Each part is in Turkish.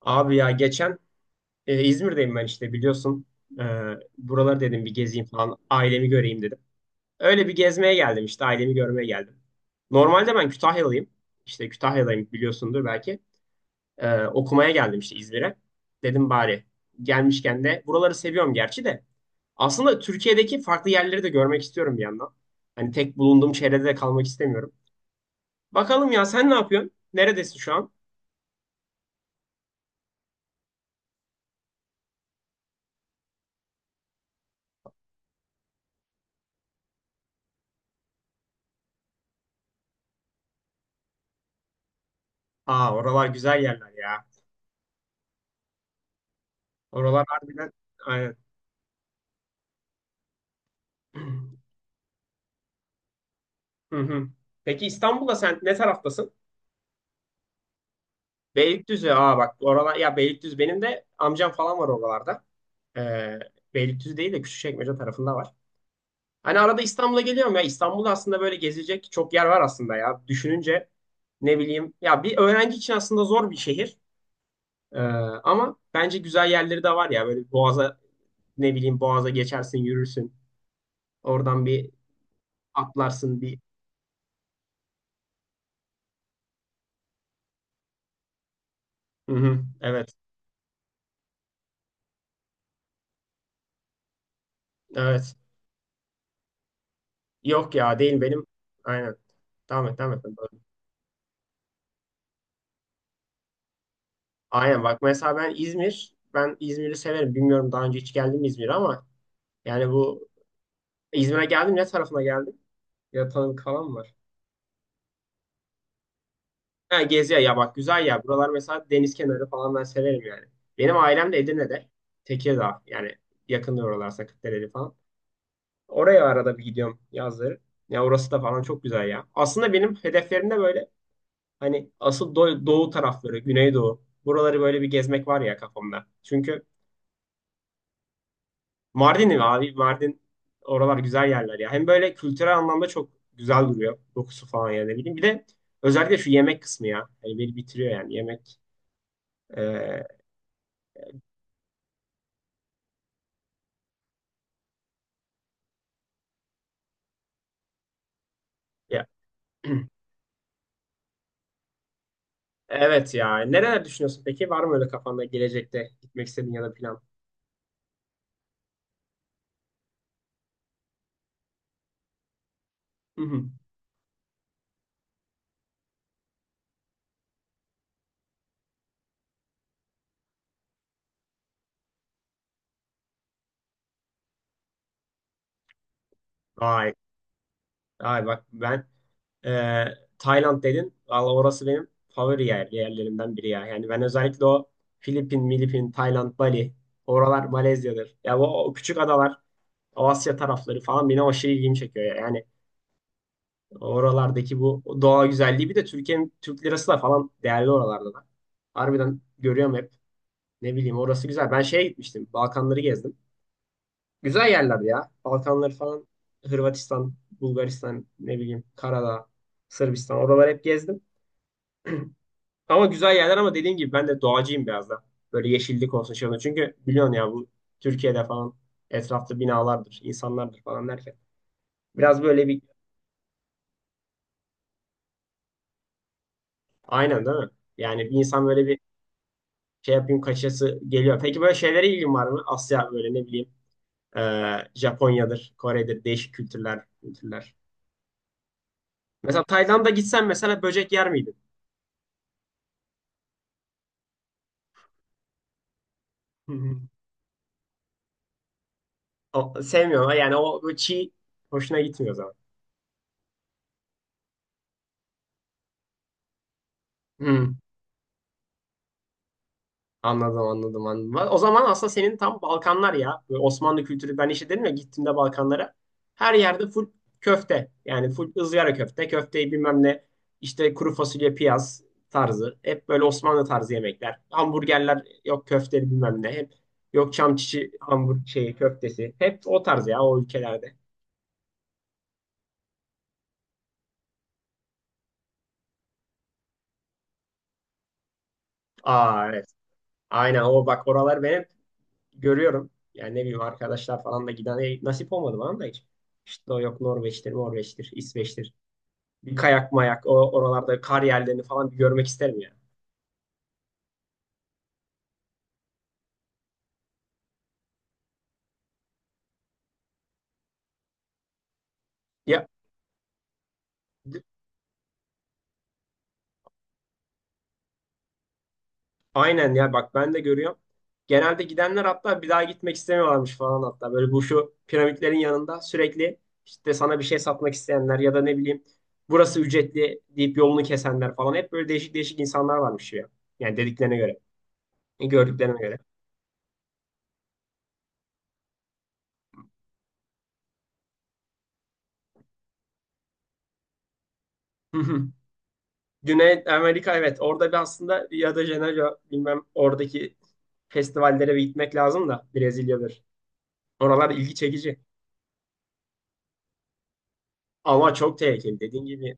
Abi ya geçen İzmir'deyim ben işte biliyorsun. E, Buraları dedim bir gezeyim falan. Ailemi göreyim dedim. Öyle bir gezmeye geldim işte ailemi görmeye geldim. Normalde ben Kütahyalıyım. İşte Kütahyalıyım biliyorsundur belki. Okumaya geldim işte İzmir'e. Dedim bari gelmişken de buraları seviyorum gerçi de. Aslında Türkiye'deki farklı yerleri de görmek istiyorum bir yandan. Hani tek bulunduğum çevrede de kalmak istemiyorum. Bakalım ya, sen ne yapıyorsun? Neredesin şu an? Aa, oralar güzel yerler ya. Oralar harbiden aynen. Hı hı. Peki İstanbul'da sen ne taraftasın? Beylikdüzü. Aa bak, oralar ya, Beylikdüzü benim de amcam falan var oralarda. Ee, Beylikdüzü değil de Küçükçekmece tarafında var. Hani arada İstanbul'a geliyorum ya. İstanbul'da aslında böyle gezilecek çok yer var aslında ya. Düşününce ne bileyim ya, bir öğrenci için aslında zor bir şehir. Ee, ama bence güzel yerleri de var ya. Böyle Boğaz'a ne bileyim, Boğaz'a geçersin, yürürsün. Oradan bir atlarsın bir. Hı hı. Evet. Evet. Yok ya, değil benim. Aynen. Tamam et, tamam et. Doğru. Aynen bak, mesela ben İzmir. Ben İzmir'i severim. Bilmiyorum daha önce hiç geldim mi İzmir'e, ama yani bu İzmir'e geldim, ne tarafına geldim? Ya tanıdık falan mı var? Ha Gezi'ye, ya bak güzel ya. Buralar mesela deniz kenarı falan ben severim yani. Benim ailem de Edirne'de. Tekirdağ yani yakında oralar, Sakatdere'li falan. Oraya arada bir gidiyorum yazları. Ya orası da falan çok güzel ya. Aslında benim hedeflerimde böyle, hani asıl doğu tarafları, Güneydoğu. Buraları böyle bir gezmek var ya kafamda. Çünkü Mardin'im abi. Mardin, oralar güzel yerler ya. Hem böyle kültürel anlamda çok güzel duruyor. Dokusu falan ya, ne bileyim. Bir de özellikle şu yemek kısmı ya. Hani beni bitiriyor yani yemek. Ee, ya. Evet ya. Neler düşünüyorsun peki? Var mı öyle kafanda gelecekte gitmek istediğin ya da plan? Hı hı. Vay. Vay bak ben, Ee, Tayland dedin. Valla orası benim favori yerlerimden biri ya. Yani ben özellikle o Filipin, Milipin, Tayland, Bali. Oralar Malezya'dır. Ya bu o küçük adalar, o Asya tarafları falan beni aşırı ilgimi çekiyor ya. Yani oralardaki bu doğa güzelliği, bir de Türkiye'nin, Türk lirası da falan değerli oralarda da. Harbiden görüyorum hep. Ne bileyim, orası güzel. Ben şeye gitmiştim. Balkanları gezdim. Güzel yerler ya. Balkanları falan, Hırvatistan, Bulgaristan, ne bileyim Karadağ, Sırbistan. Oraları hep gezdim. Ama güzel yerler, ama dediğim gibi ben de doğacıyım biraz da. Böyle yeşillik olsun, şey olsun. Çünkü biliyorsun ya, bu Türkiye'de falan etrafta binalardır, insanlardır falan derken. Biraz böyle bir, aynen değil mi? Yani bir insan böyle bir şey yapayım, kaçası geliyor. Peki böyle şeylere ilgin var mı? Asya böyle, ne bileyim, e, Japonya'dır, Kore'dir, değişik kültürler. Mesela Tayland'a gitsen mesela böcek yer miydin? Hı hı. O, sevmiyorum yani, o çiğ hoşuna gitmiyor o zaman. Hı. Anladım, anladım, anladım. O zaman aslında senin tam Balkanlar ya. Böyle Osmanlı kültürü, ben işte dedim ya, gittiğimde Balkanlara. Her yerde full köfte. Yani full ızgara köfte. Köfteyi bilmem ne, işte kuru fasulye, piyaz tarzı. Hep böyle Osmanlı tarzı yemekler. Hamburgerler yok, köfteli bilmem ne. Hep yok, çam çiçi hamburg şeyi köftesi. Hep o tarz ya o ülkelerde. Aa evet. Aynen, o bak oralar ben hep görüyorum. Yani ne bileyim, arkadaşlar falan da giden, nasip olmadı bana da hiç. İşte o yok, Norveç'tir, İsveç'tir. Bir kayak mayak o oralarda kar yerlerini falan bir görmek isterim ya. Ya d- aynen ya bak, ben de görüyorum. Genelde gidenler hatta bir daha gitmek istemiyorlarmış falan hatta. Böyle bu şu piramitlerin yanında sürekli işte sana bir şey satmak isteyenler ya da, ne bileyim, burası ücretli deyip yolunu kesenler falan, hep böyle değişik değişik insanlar varmış ya. Yani dediklerine göre, gördüklerine göre. Hı hı. Güney Amerika, evet orada bir aslında, ya da Janeiro bilmem, oradaki festivallere bir gitmek lazım da, Brezilya'dır. Oralar ilgi çekici. Ama çok tehlikeli dediğin gibi.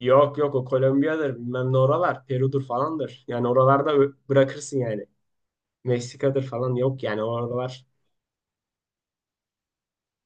Yok yok, o Kolombiya'dır bilmem ne oralar. Peru'dur falandır. Yani oralarda bırakırsın yani. Meksika'dır falan, yok yani oralar.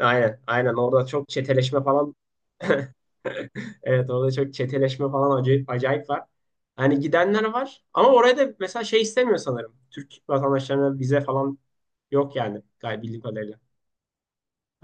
Aynen aynen, orada çok çeteleşme falan. Evet, orada çok çeteleşme falan, acayip, acayip var. Hani gidenler var, ama oraya da mesela şey istemiyor sanırım. Türk vatandaşlarına vize falan yok yani galiba, bildiğim kadarıyla.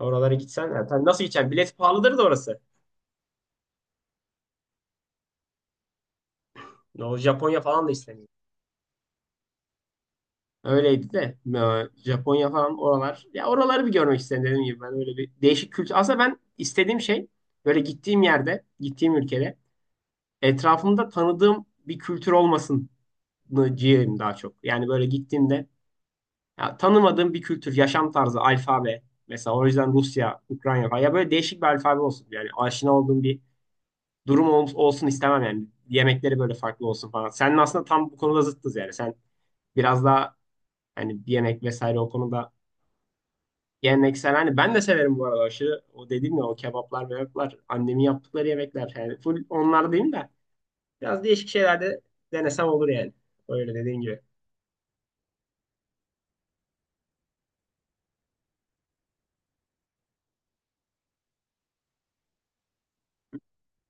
Oralara gitsen yani, tabii nasıl gideceksin? Bilet pahalıdır da orası. O Japonya falan da istemiyor. Öyleydi de, Japonya falan oralar. Ya oraları bir görmek istedim, dediğim gibi ben öyle bir değişik kültür. Aslında ben istediğim şey, böyle gittiğim yerde, gittiğim ülkede etrafımda tanıdığım bir kültür olmasını ciğerim daha çok. Yani böyle gittiğimde ya, tanımadığım bir kültür, yaşam tarzı, alfabe. Mesela o yüzden Rusya, Ukrayna falan. Ya böyle değişik bir alfabe olsun. Yani aşina olduğum bir durum olsun istemem yani. Yemekleri böyle farklı olsun falan. Senin aslında tam bu konuda zıttız yani. Sen biraz daha hani yemek vesaire o konuda geleneksel, hani ben de severim bu arada aşırı, o dediğim ya, o kebaplar mebaplar, annemin yaptıkları yemekler, yani full onlar değil de biraz değişik şeylerde denesem olur yani, öyle dediğin gibi.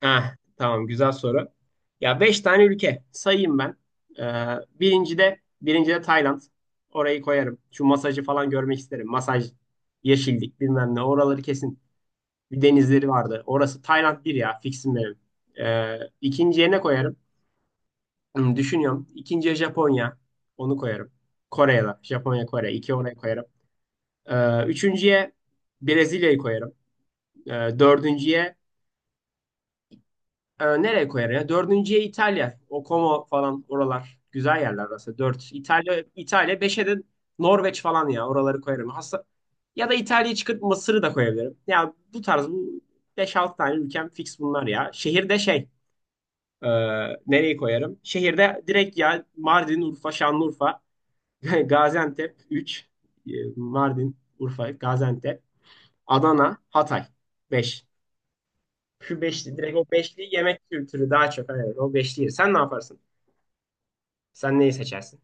Heh, tamam, güzel soru. Ya 5 tane ülke sayayım ben. Ee, birinci de Tayland. Orayı koyarım. Şu masajı falan görmek isterim. Masaj, yeşillik bilmem ne, oraları kesin. Bir denizleri vardı. Orası Tayland bir ya, fixim benim. İkinciye ne koyarım? Hmm, düşünüyorum. İkinciye Japonya. Onu koyarım. Kore'ye de. Japonya, Kore. İki oraya koyarım. Üçüncüye Brezilya'yı koyarım. Ee, Dördüncüye, nereye koyarım ya? Dördüncüye İtalya. O Como falan oralar. Güzel yerler orası. Dört. İtalya, İtalya. Beşe de Norveç falan ya. Oraları koyarım. Hasta. Ya da İtalya'yı çıkıp Mısır'ı da koyabilirim. Ya bu tarz, bu beş 6 tane ülkem fix bunlar ya. Şehirde şey. e, Nereyi koyarım? Şehirde direkt ya, Mardin, Urfa, Şanlıurfa. Gaziantep 3, Mardin, Urfa, Gaziantep, Adana, Hatay 5. Şu beşli, direkt o beşli yemek kültürü daha çok. Evet, o beşli. Sen ne yaparsın? Sen neyi seçersin?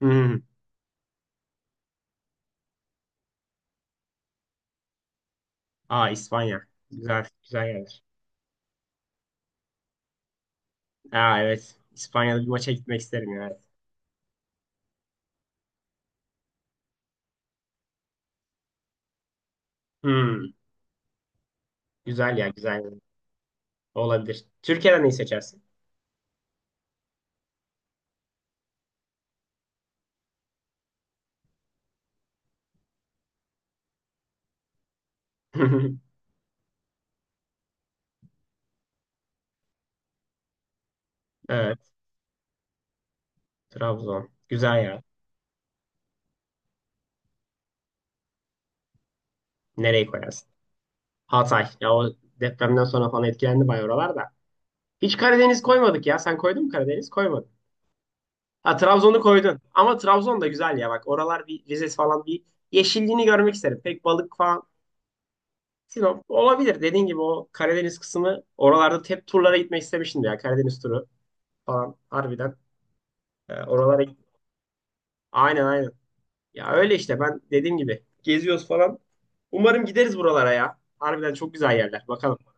Hmm. Aa, İspanya. Güzel, güzel yerler. Aa evet. İspanya'da bir maça gitmek isterim ya. Evet. Hmm. Güzel ya, güzel. Olabilir. Türkiye'den neyi seçersin? Evet, Trabzon. Güzel ya. Nereyi koyarsın? Hatay. Ya o depremden sonra falan etkilendi bayağı oralar da. Hiç Karadeniz koymadık ya. Sen koydun mu Karadeniz? Koymadın. Ha, Trabzon'u koydun. Ama Trabzon da güzel ya bak. Oralar bir Rize falan, bir yeşilliğini görmek isterim. Pek balık falan. Sinop olabilir. Dediğin gibi o Karadeniz kısmı, oralarda hep turlara gitmek istemiştim ya. Karadeniz turu falan harbiden. Oralara git. Aynen aynen. Ya öyle işte, ben dediğim gibi geziyoruz falan. Umarım gideriz buralara ya. Harbiden çok güzel yerler. Bakalım.